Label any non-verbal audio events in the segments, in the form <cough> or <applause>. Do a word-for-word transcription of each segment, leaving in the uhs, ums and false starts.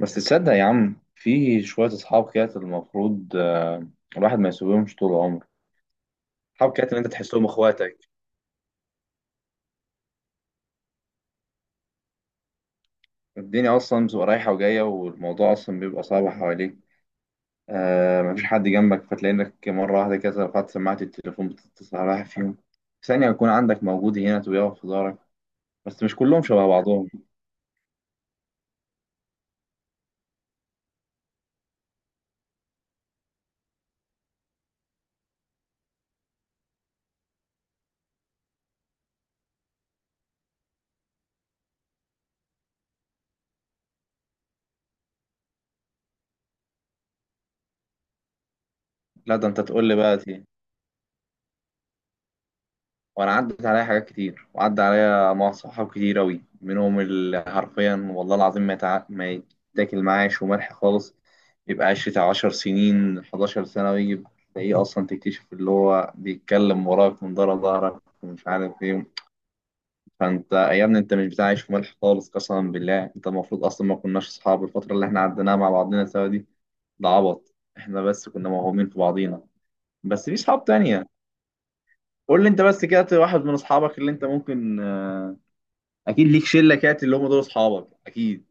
بس تصدق يا عم في شوية أصحاب كده المفروض آه، الواحد ما يسيبهمش طول عمره. أصحاب كده اللي أنت تحسهم إخواتك. الدنيا أصلا بتبقى رايحة وجاية، والموضوع أصلا بيبقى صعب حواليك. آه، مفيش حد جنبك، فتلاقي إنك مرة واحدة كده رفعت سماعة التليفون بتتصل على واحد فيهم، ثانية يكون عندك موجود هنا ويقف في ظهرك. بس مش كلهم شبه بعضهم. لا، ده أنت تقول لي بقى. وانا عدت عليا حاجات كتير، وعدى عليا مع صحاب كتير اوي، منهم اللي حرفيا والله العظيم ما يتع... ما يتاكل معاه شو ملح خالص. يبقى عشرة، عشر سنين، حداشر سنة، ويجي تلاقيه أصلا تكتشف اللي هو بيتكلم وراك من ورا ظهرك ومش عارف ايه. فانت يا ابني انت مش بتاع عيش وملح خالص، قسما بالله انت المفروض اصلا ما كناش اصحاب الفترة اللي احنا عديناها مع بعضنا سوا دي. ده عبط، احنا بس كنا موهومين في بعضينا. بس في صحاب تانية. قول لي انت بس كده واحد من اصحابك اللي انت ممكن، آه، اكيد ليك شله كانت اللي هم دول اصحابك اكيد.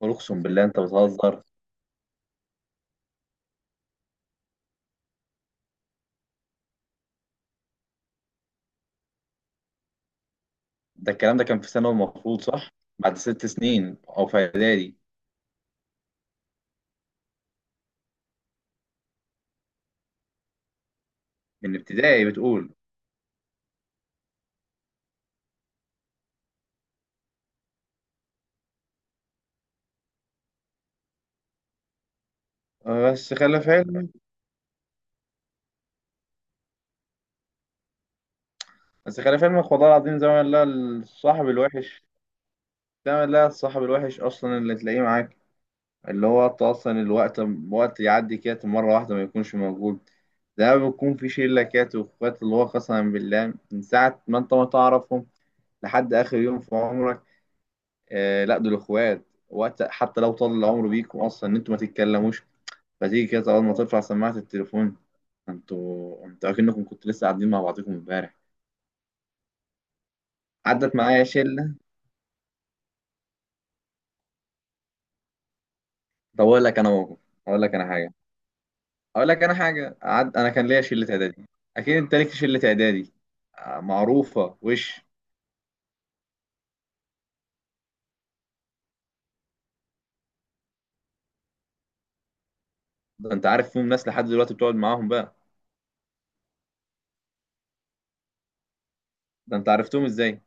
قول، اقسم بالله انت بتهزر؟ ده الكلام ده كان في ثانوي المفروض، صح؟ بعد ست سنين او في اعدادي؟ من ابتدائي بتقول؟ آه، بس خلي في علمك، بس خلي في علمك والله العظيم زي ما لا الصاحب الوحش، زي ما لا الصاحب الوحش اصلا اللي تلاقيه معاك، اللي هو انت اصلا الوقت، وقت يعدي كده مره واحده ما يكونش موجود. ده بيكون في شله كده واخوات، اللي هو قسما بالله من ساعه ما انت ما تعرفهم لحد اخر يوم في عمرك. آه، لا دول اخوات. وقت حتى لو طال العمر بيكم اصلا ان انتوا ما تتكلموش، فتيجي كده اول ما ترفع سماعه التليفون، انتوا انتوا اكنكم كنتوا لسه قاعدين مع بعضكم امبارح. عدت معايا شله. طب اقول لك انا موقف، اقول لك انا حاجه. اقول لك انا حاجه عد... انا كان ليا شله اعدادي. اكيد انت ليك شله اعدادي. آه، معروفه وش. ده انت عارف فيهم ناس لحد دلوقتي بتقعد معاهم بقى؟ ده انت عرفتهم ازاي؟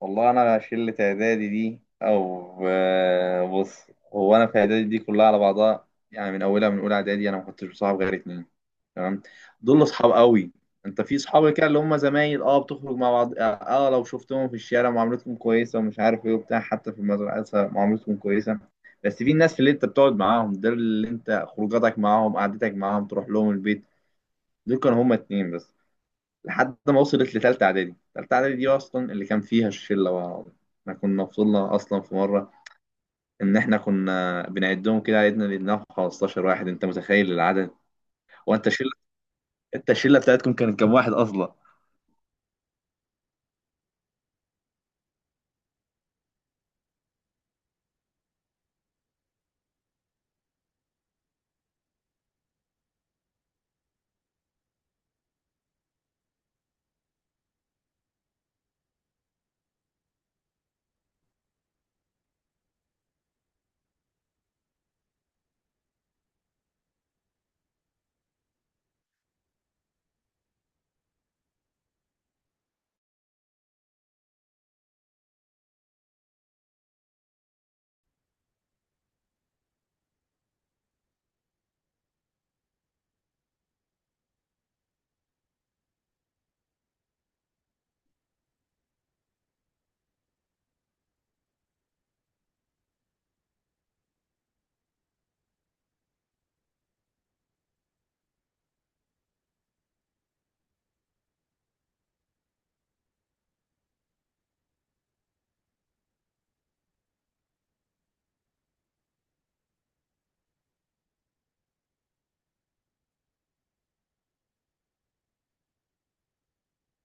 والله انا شله اعدادي دي، او آه، بص، هو انا في اعدادي دي كلها على بعضها يعني من اولها، من اولى اعدادي انا ما كنتش بصاحب غير اتنين. تمام؟ دول اصحاب قوي. انت في صحاب كده اللي هم زمايل، اه، بتخرج مع بعض، اه، آه، لو شفتهم في الشارع معاملتهم كويسه ومش عارف ايه وبتاع، حتى في المدرسه معاملتهم كويسه. بس في الناس اللي انت بتقعد معاهم، دول اللي انت خروجاتك معاهم، قعدتك معاهم، تروح لهم البيت. دول كانوا هم اتنين بس، لحد ما وصلت لتالتة إعدادي. تالتة إعدادي دي أصلا اللي كان فيها الشلة بقى. العربية. احنا كنا وصلنا أصلا في مرة، إن احنا كنا بنعدهم كده، عدنا لقيناهم خمستاشر واحد. أنت متخيل العدد؟ هو أنت الشلة، أنت الشلة بتاعتكم كانت كام واحد أصلا؟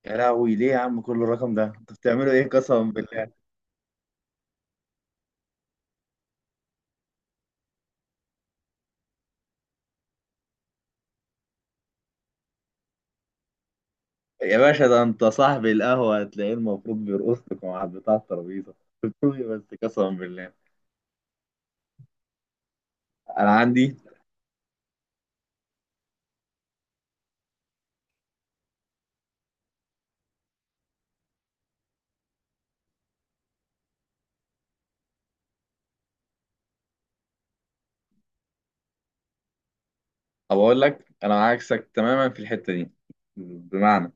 يا لهوي، ليه يا عم كل الرقم ده؟ انتوا بتعملوا ايه قسما بالله؟ يا باشا، ده أنت صاحب القهوة هتلاقيه المفروض بيرقص لكم على بتاع الترابيزة. بتقول إيه بس قسما بالله؟ أنا عندي، أو أقول لك أنا عكسك تماما في الحتة دي. بمعنى،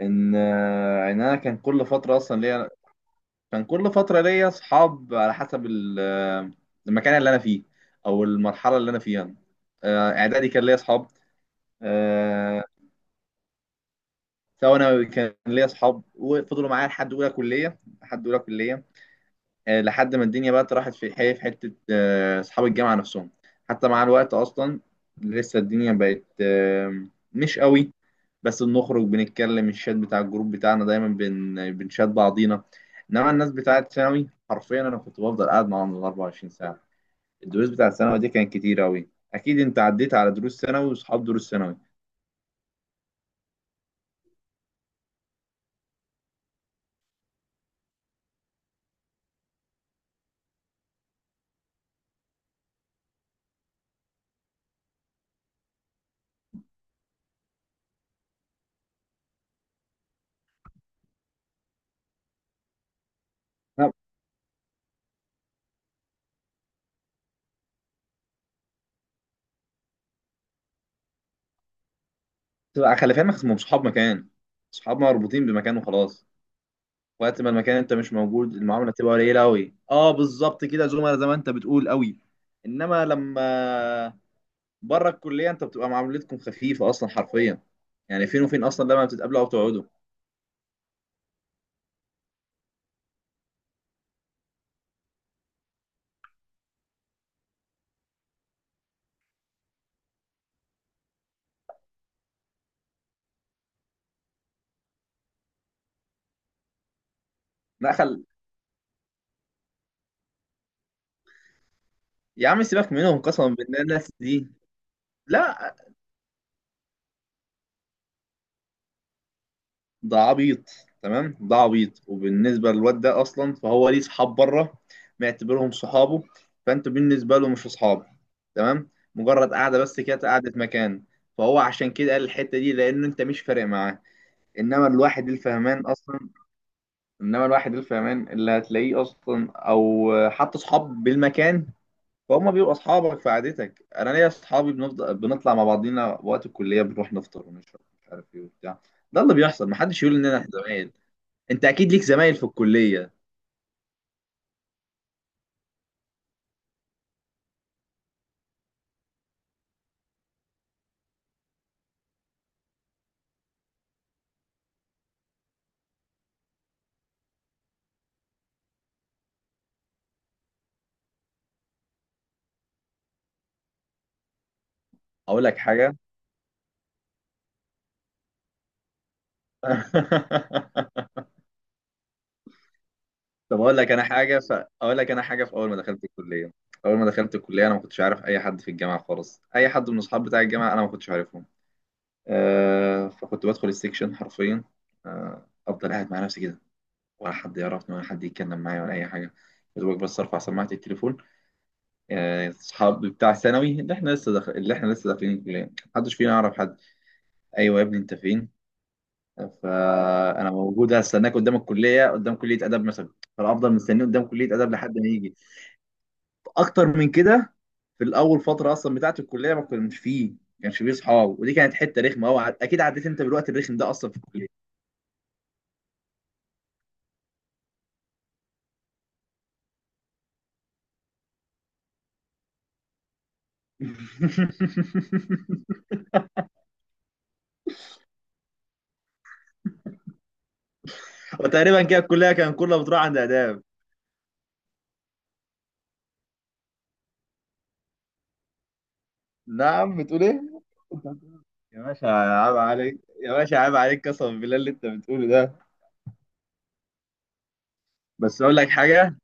ان آه، ان انا كان كل فتره اصلا ليا، كان كل فتره ليا اصحاب على حسب ال- آه، المكان اللي انا فيه، او المرحله اللي انا فيها. آه، اعدادي كان ليا اصحاب. آه، ثانوي كان ليا اصحاب، وفضلوا معايا لحد اولى كليه. لحد اولى كليه آه، لحد ما الدنيا بقى راحت في حي، في حته، آه، اصحاب الجامعه نفسهم حتى مع الوقت اصلا لسه الدنيا بقت آه، مش قوي. بس بنخرج، بنتكلم، الشات بتاع الجروب بتاعنا دايما بن... بنشات بعضينا. انما الناس بتاعت ثانوي حرفيا انا كنت بفضل قاعد معاهم ال أربع وعشرين ساعه. الدروس بتاعت ثانوي دي كانت كتير قوي، اكيد انت عديت على دروس ثانوي واصحاب دروس ثانوي. لا، بتبقى خلي في علمك اسمهم صحاب مكان، صحاب مربوطين بمكان وخلاص. وقت ما المكان انت مش موجود، المعامله تبقى قليله قوي، اه بالظبط كده زملاء زي ما انت بتقول قوي. انما لما بره الكليه، انت بتبقى معاملتكم خفيفه اصلا حرفيا، يعني فين وفين اصلا لما بتتقابلوا او تقعدوا. دخل. يا عم سيبك منهم قسما بالله الناس دي. لا، ده عبيط. تمام، ده عبيط. وبالنسبه للواد ده اصلا، فهو ليه صحاب بره، معتبرهم صحابه، فانت بالنسبه له مش اصحاب. تمام؟ مجرد قاعده بس كده، قعده مكان، فهو عشان كده قال الحته دي لان انت مش فارق معاه. انما الواحد الفهمان اصلا، انما الواحد الفهمان اللي هتلاقيه اصلا، او حتى صحاب بالمكان، فهم بيبقوا اصحابك في عادتك. انا ليا اصحابي بنفضل بنطلع مع بعضينا وقت الكليه، بنروح نفطر ونشرب مش عارف ايه وبتاع. ده اللي بيحصل، محدش يقول اننا إحنا زمايل. انت اكيد ليك زمايل في الكليه. اقول لك حاجه. <laughs> طب اقول لك انا حاجه ف... اقول لك انا حاجه. في اول ما دخلت الكليه، اول ما دخلت الكليه انا ما كنتش عارف اي حد في الجامعه خالص، اي حد من اصحاب بتاع الجامعه انا ما كنتش عارفهم. آه، فكنت بدخل السكشن حرفيا، آه، افضل قاعد مع نفسي كده، ولا حد يعرفني، ولا حد يتكلم معايا، ولا اي حاجه. يا دوبك بس ارفع سماعه التليفون. آه، اصحابي بتاع ثانوي اللي احنا لسه داخل، اللي احنا لسه داخلين الكليه محدش فينا يعرف حد. ايوه يا ابني انت فين؟ فانا موجود هستناك قدام الكليه، قدام كليه اداب مثلا. فالافضل مستنيه قدام كليه اداب لحد ما يجي. اكتر من كده، في الاول فتره اصلا بتاعت الكليه، ما كناش فيه ما كانش فيه اصحاب، ودي كانت حته رخمه قوي. اكيد عديت انت بالوقت الرخم ده اصلا في الكليه. <laughs> وتقريبا كده الكليه كان كلها بتروح عند اداب. نعم، بتقول ايه؟ يا باشا عيب عليك، يا باشا عيب عليك قسما بالله اللي انت بتقوله ده. بس اقول لك حاجه.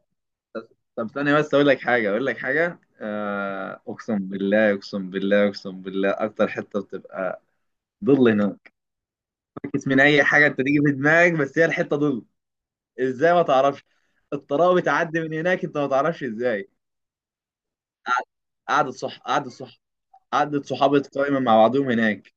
طب ثانيه بس، اقول لك حاجه، اقول لك حاجه آه، اقسم بالله اقسم بالله اقسم بالله، اكتر حته بتبقى ضل هناك. فكك من اي حاجه انت تيجي في دماغك، بس هي الحته ضل. ازاي؟ ما تعرفش. الطراوه بتعدي من هناك، انت ما تعرفش ازاي. قع- قعدة صح، قعدة صح، قعدة صحابة قايمة مع بعضهم هناك.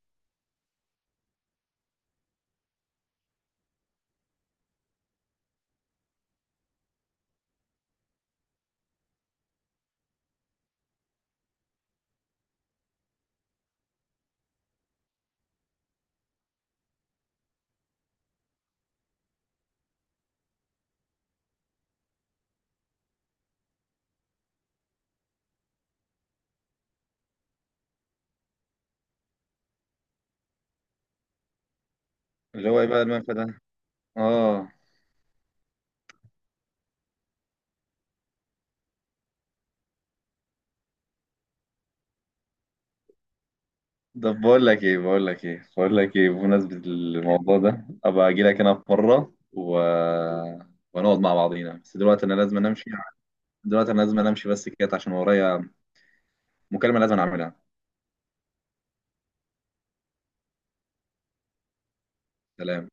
اللي هو ايه بقى المنفى ده؟ اه. طب بقول لك ايه بقول لك ايه بقول لك ايه، بمناسبة الموضوع ده ابقى اجي لك انا في مرة و... ونقعد مع بعضينا. بس دلوقتي انا لازم أنا امشي. دلوقتي انا لازم أنا امشي بس كده عشان ورايا مكالمة لازم أنا اعملها. سلام.